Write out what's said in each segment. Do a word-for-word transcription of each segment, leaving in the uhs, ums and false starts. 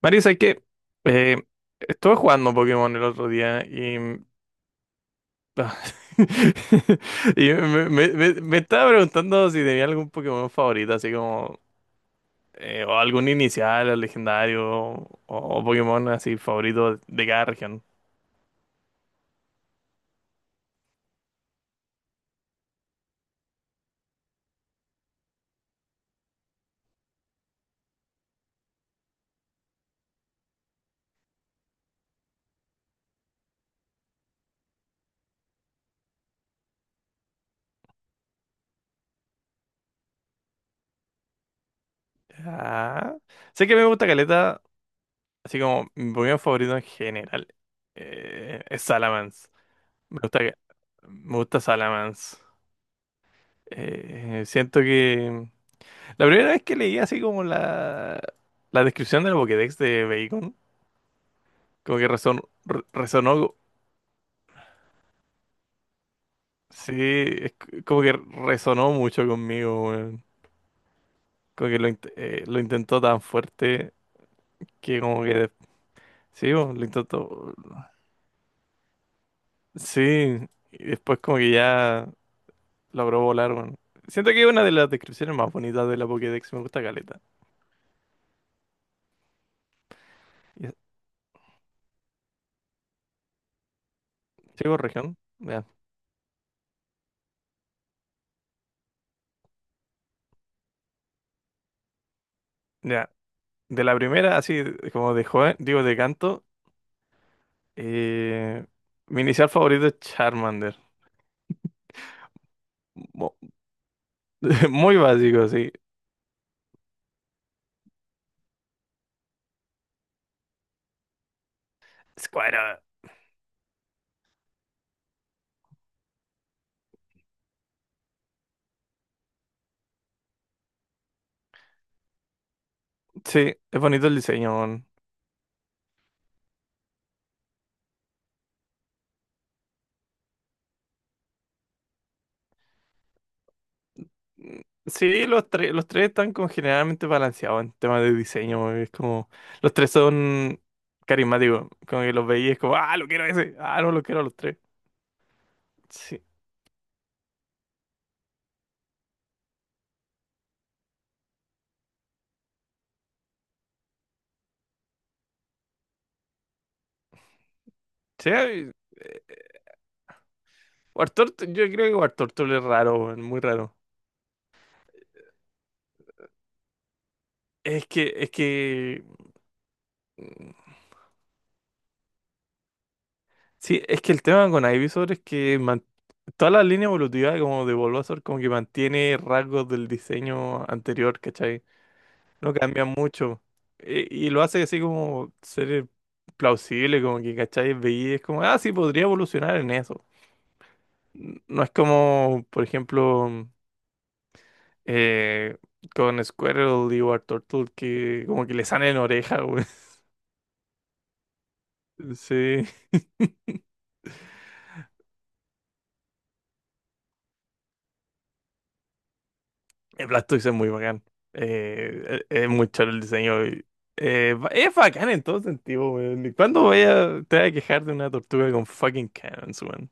Marisa, es que eh, estuve jugando Pokémon el otro día y, ah, y me, me- me- me estaba preguntando si tenía algún Pokémon favorito, así como eh, o algún inicial, o legendario, o, o Pokémon así favorito de cada región. Ah, sé que me gusta Caleta, así como mi Pokémon favorito en general eh, es Salamence. Me gusta, me gusta Salamence. Eh, siento que la primera vez que leí así como la, la descripción del Pokédex de Bacon, como que reson- re- resonó, sí, es c- como que resonó mucho conmigo, weón. Como que lo, int- eh, lo intentó tan fuerte que como que, de- sí, weón, lo intentó, sí, y después como que ya logró volar, weón. Siento que es una de las descripciones más bonitas de la Pokédex, me gusta caleta. Y- ¿Llego región? Ya, ya. De la primera, así como de joven, digo de canto. Eh, Mi inicial favorito es Charmander. Mu- Muy básico, sí. Squirtle. Sí, es bonito el diseño, weón. Sí, los tres, los tres están como generalmente balanceados en temas de diseño, weón. Es como, los tres son carismáticos. Como que los veías como, ah, lo quiero ese. Ah, no, lo quiero a los tres. Sí. Sí, eh, Wartortle- yo creo que Wartortle es raro, weón, muy raro. Es que, es que Sí, es que el tema con Ivysaur es que man- toda la línea evolutiva como de Bulbasaur como que mantiene rasgos del diseño anterior, ¿cachai? No cambia mucho. E- Y, lo hace así como ser plausible, como que, ¿cachai? Veí, es como, ah, sí, podría evolucionar en eso. N- No es como, por ejemplo, eh, con Squirtle y Turtle que como que le salen oreja, güey. Sí. El Blastoise es muy bacán. Eh, es, es muy chulo el diseño. Y, eh, ba- es bacán en todo sentido, weón. ¿Y cuándo voy a, te voy a quejar de una tortuga con fucking cannons, weón?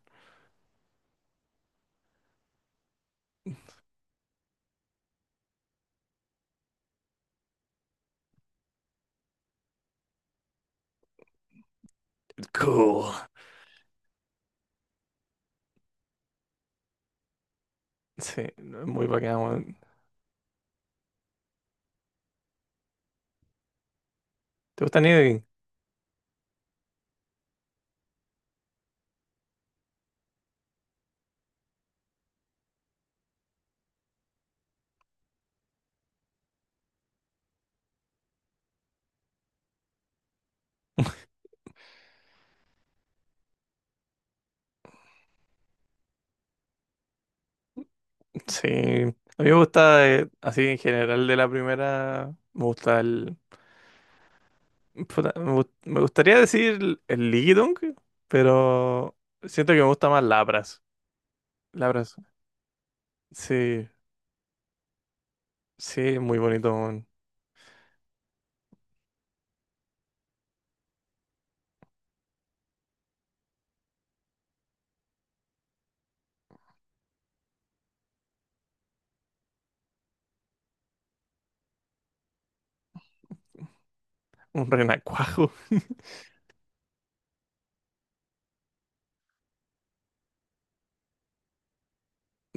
Cool. Sí, no, es muy bacán, weón. ¿Te gusta Nidoking? Sí. A mí me gusta, eh, así en general de la primera, me gusta el... puta, Me, gust- me gustaría decir el Ligidunk, pero siento que me gusta más Lapras. Lapras. Sí, sí, es muy bonito, weón. Un renacuajo.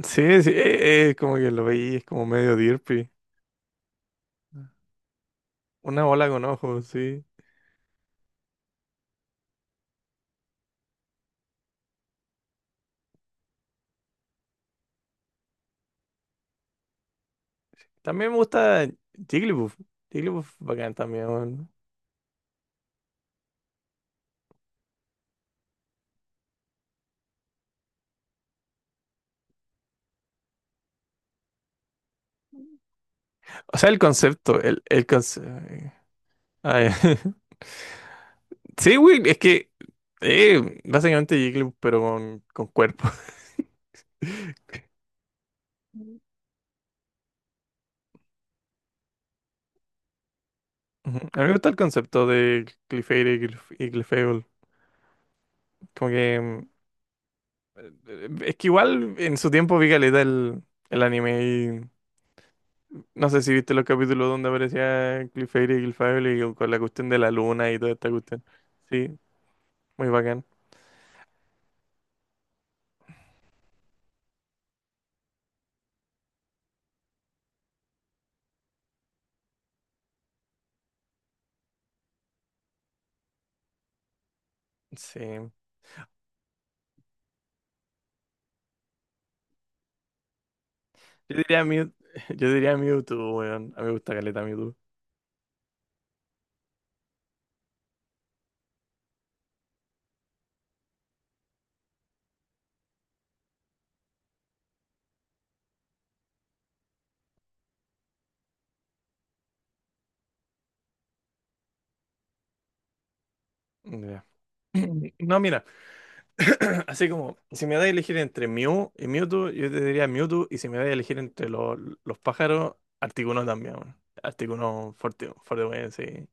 Sí, sí, eh, eh, como que lo veí, es como medio derpy. Una bola con ojos, sí. También me gusta Jigglypuff. Jigglypuff bacán también, weón. O sea, el concepto, el, el concepto. Sí, güey, es que eh, básicamente Jigglypuff, pero con, con cuerpo. Ujú. A mí me gusta el concepto de Clefairy y Clef- y Clefable. Como que mm, es que igual en su tiempo vi caleta el, el anime. No sé si viste los capítulos donde aparecía Clefairy y Gilfable y con la cuestión de la luna y toda esta cuestión. Sí, muy bacán. Sí. Yo diría Mew, yo diría Mewtwo, weón. A mí me gusta caleta Mewtwo. Ya. No, mira, así como, si me da a elegir entre Mew y Mewtwo, yo te diría Mewtwo, y si me da a elegir entre los, los pájaros, Articuno también, weón. Articuno fuerte, fuerte, weón, sí.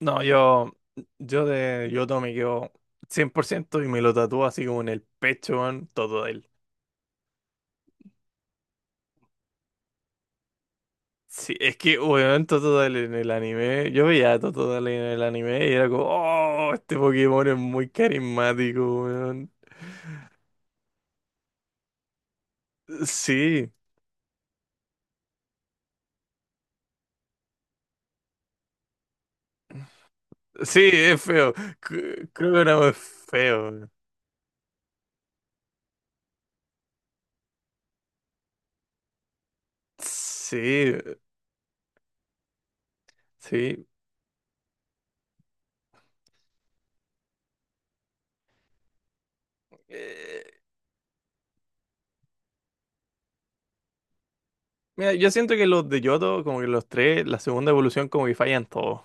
No, yo, yo de Yoto me quedo cien por ciento y me lo tatúo así como en el pecho, weón, Totodile. Sí, es que, weón, Totodile en el anime, yo veía a Totodile en el anime y era como, oh, este Pokémon es muy carismático, weón. Sí, sí, es feo. C- Creo que no es feo, weón. Sí, sí. Eh, Mira, yo siento que los de Yoto, como que los tres, la segunda evolución como que fallan todos.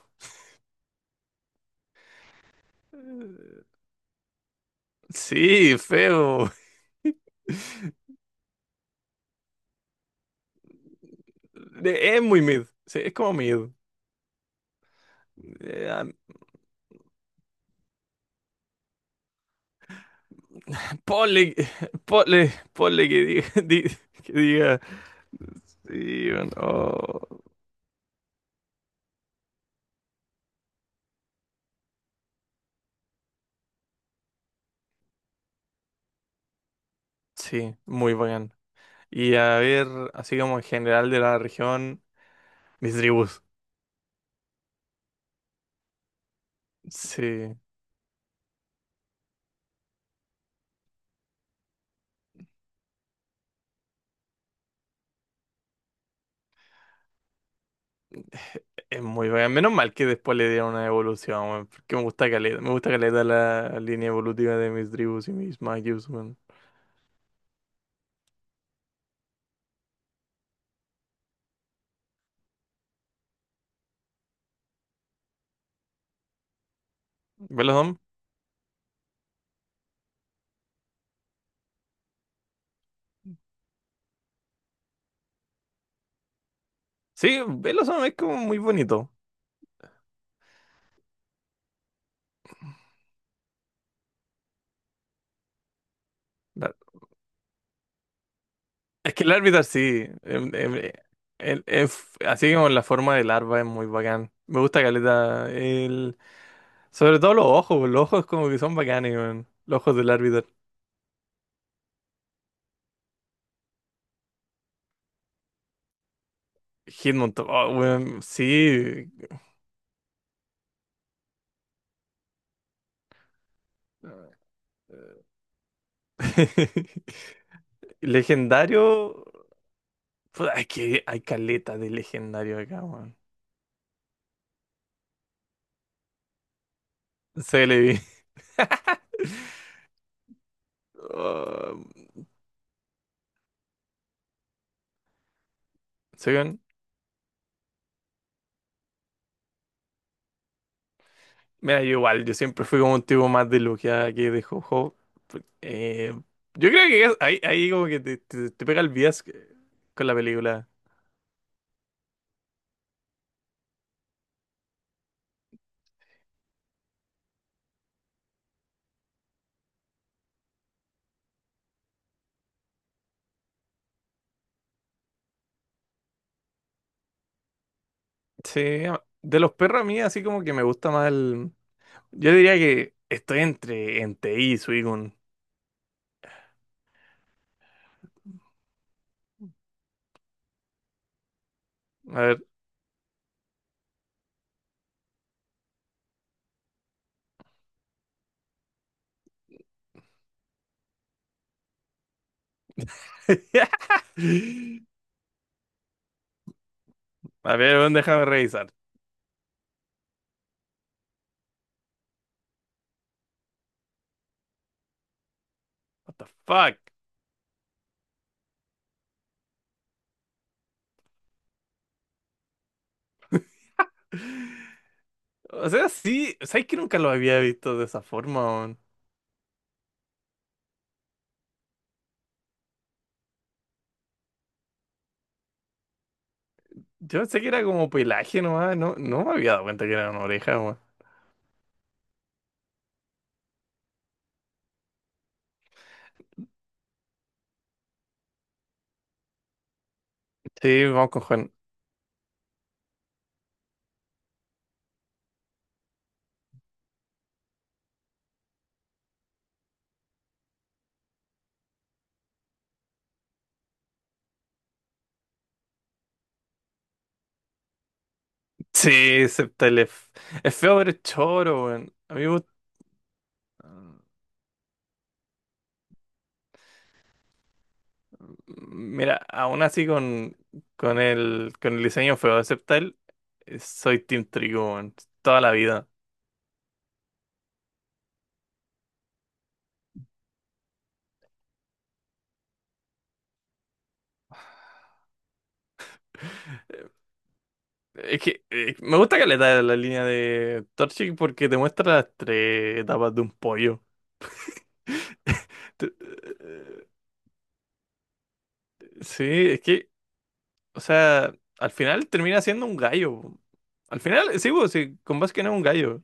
Eh, Sí, feo. De- es muy mid. Sí, es como mid. Eh, ah, ponle, ponle, ponle que diga, di- que diga. Sí, bueno, oh, sí, muy bacán. Y a ver, así como en general de la región, mis tribus. Sí, es muy bacán. Menos mal que después le dieron una evolución, weón, porque me gusta caleta, me gusta caleta la línea evolutiva de mis tribus y mis magios, weón. ¿Velozón? Sí, Velozón es como muy bonito. Es que el árbitro sí, em, em, eh, el- es- así como la forma del larva es muy bacán. Me gusta caleta. El, sobre todo los ojos, weón, los ojos como que son bacanes, weón. Los ojos del árbitro. Hitmon, to- oh, weón, sí. Legendario. Puta, es que hay caleta de legendario acá, weón. Celebi. Oh, ¿sí, weón? Mira, yo igual, yo siempre fui como un tipo más de logia que de jojo. Pues, eh, yo creo que es- ahí, ahí como que te, te- te pega el bias que- con la película. Sí, de los perros a mí así como que me gusta más el. Yo diría que estoy entre Entei y Suicune. A ver. A ver, weón, déjame revisar. What the fuck? O sea, sí, ¿sabes que nunca lo había visto de esa forma, weón? Yo pensé que era como pelaje nomás, no, no me había dado cuenta que era una oreja. Sí, vamos con Juan. Sí, acepta el. Es feo, pero es choro, weón. A mí me gusta. Ah, mira, aún así con, con el, con el diseño feo de Septal, eh, soy Team Trigo, weón, toda la vida. Es que eh, me gusta caleta la línea de Torchic porque te muestra las tres etapas de un pollo. Te- eh, Sí, es que, o sea, al final termina siendo un gallo. Al final, sí, weón, sí, con Basque no es un gallo.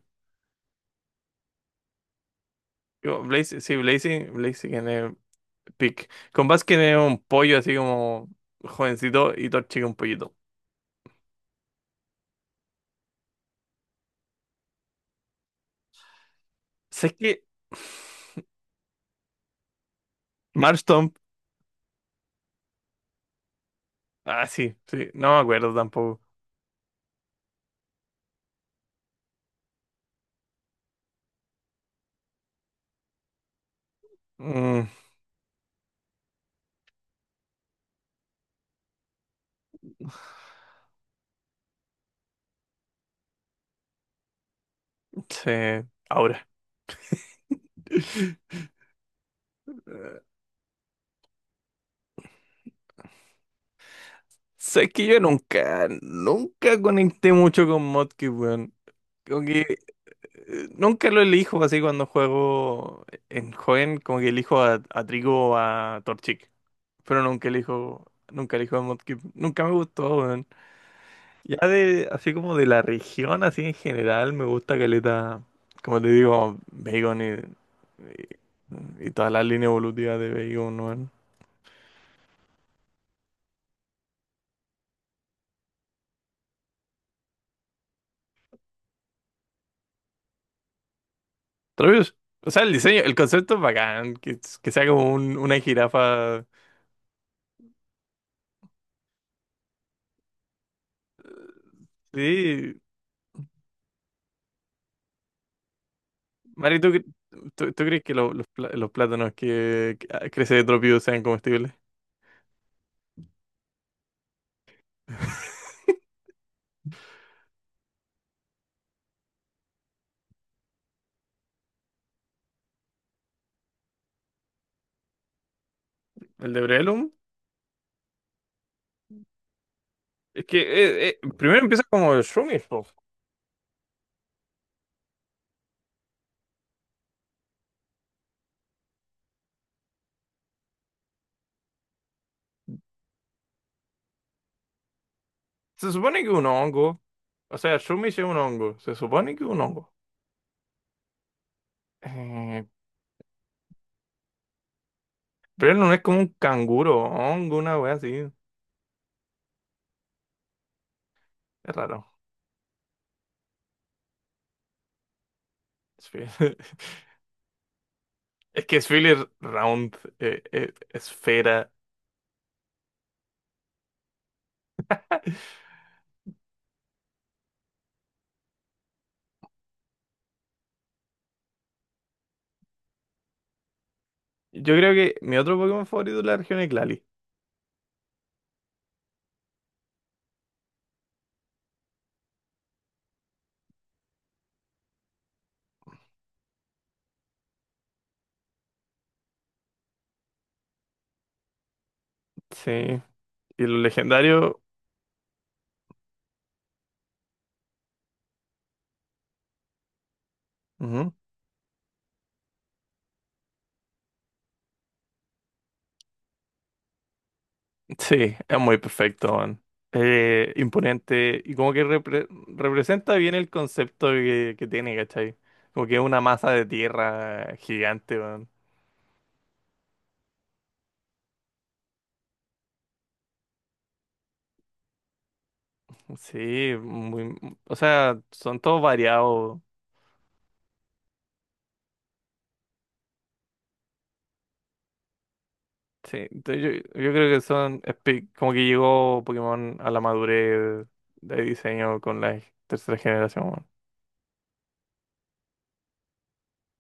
Digo, Blaze, sí, Blaze, Blaze Pick. Con Baskin es un pollo así como jovencito y Torchic es un pollito. ¿Sabes qué? Marstomp. Ah, sí, sí. No me acuerdo tampoco. Mm, sí, ahora. Sabes que yo nunca, nunca conecté mucho con Modkit, weón. Como que eh, nunca lo elijo así cuando juego en joven, como que elijo a, a Trico o a Torchic. Pero nunca elijo, nunca elijo a Modkit. Nunca me gustó, weón. Ya de, así como de la región, así en general, me gusta caleta, como te digo, Bacon y, y, y toda la línea evolutiva de Bacon, ¿no? Travis, o sea, el diseño, el concepto es bacán, que, que sea como un- una jirafa. Sí, Mari, ¿tú, cre- tú, tú crees que lo- los, pla- los plátanos que, que, ah, crece de Tropio sean comestibles? El de Brelum, es que eh, eh, primero empieza como el Shumish, po. Se supone que es un hongo, o sea, Shumish es un hongo, se supone que es un hongo. Eh, pero no es como un canguro, hongo, una wea así. Es raro. Esfe- Es que Spheler Round, eh, eh, esfera. Yo creo que mi otro Pokémon favorito es la región es Glalie. Sí. Y los legendarios. Ujú. Sí, es muy perfecto, man. Eh, imponente. Y como que repre- representa bien el concepto que, que tiene, ¿cachai? Como que es una masa de tierra gigante, man. Sí, muy, o sea, son todos variados. Sí, entonces yo, yo creo que son espe- como que llegó Pokémon a la madurez de diseño con la tercera generación.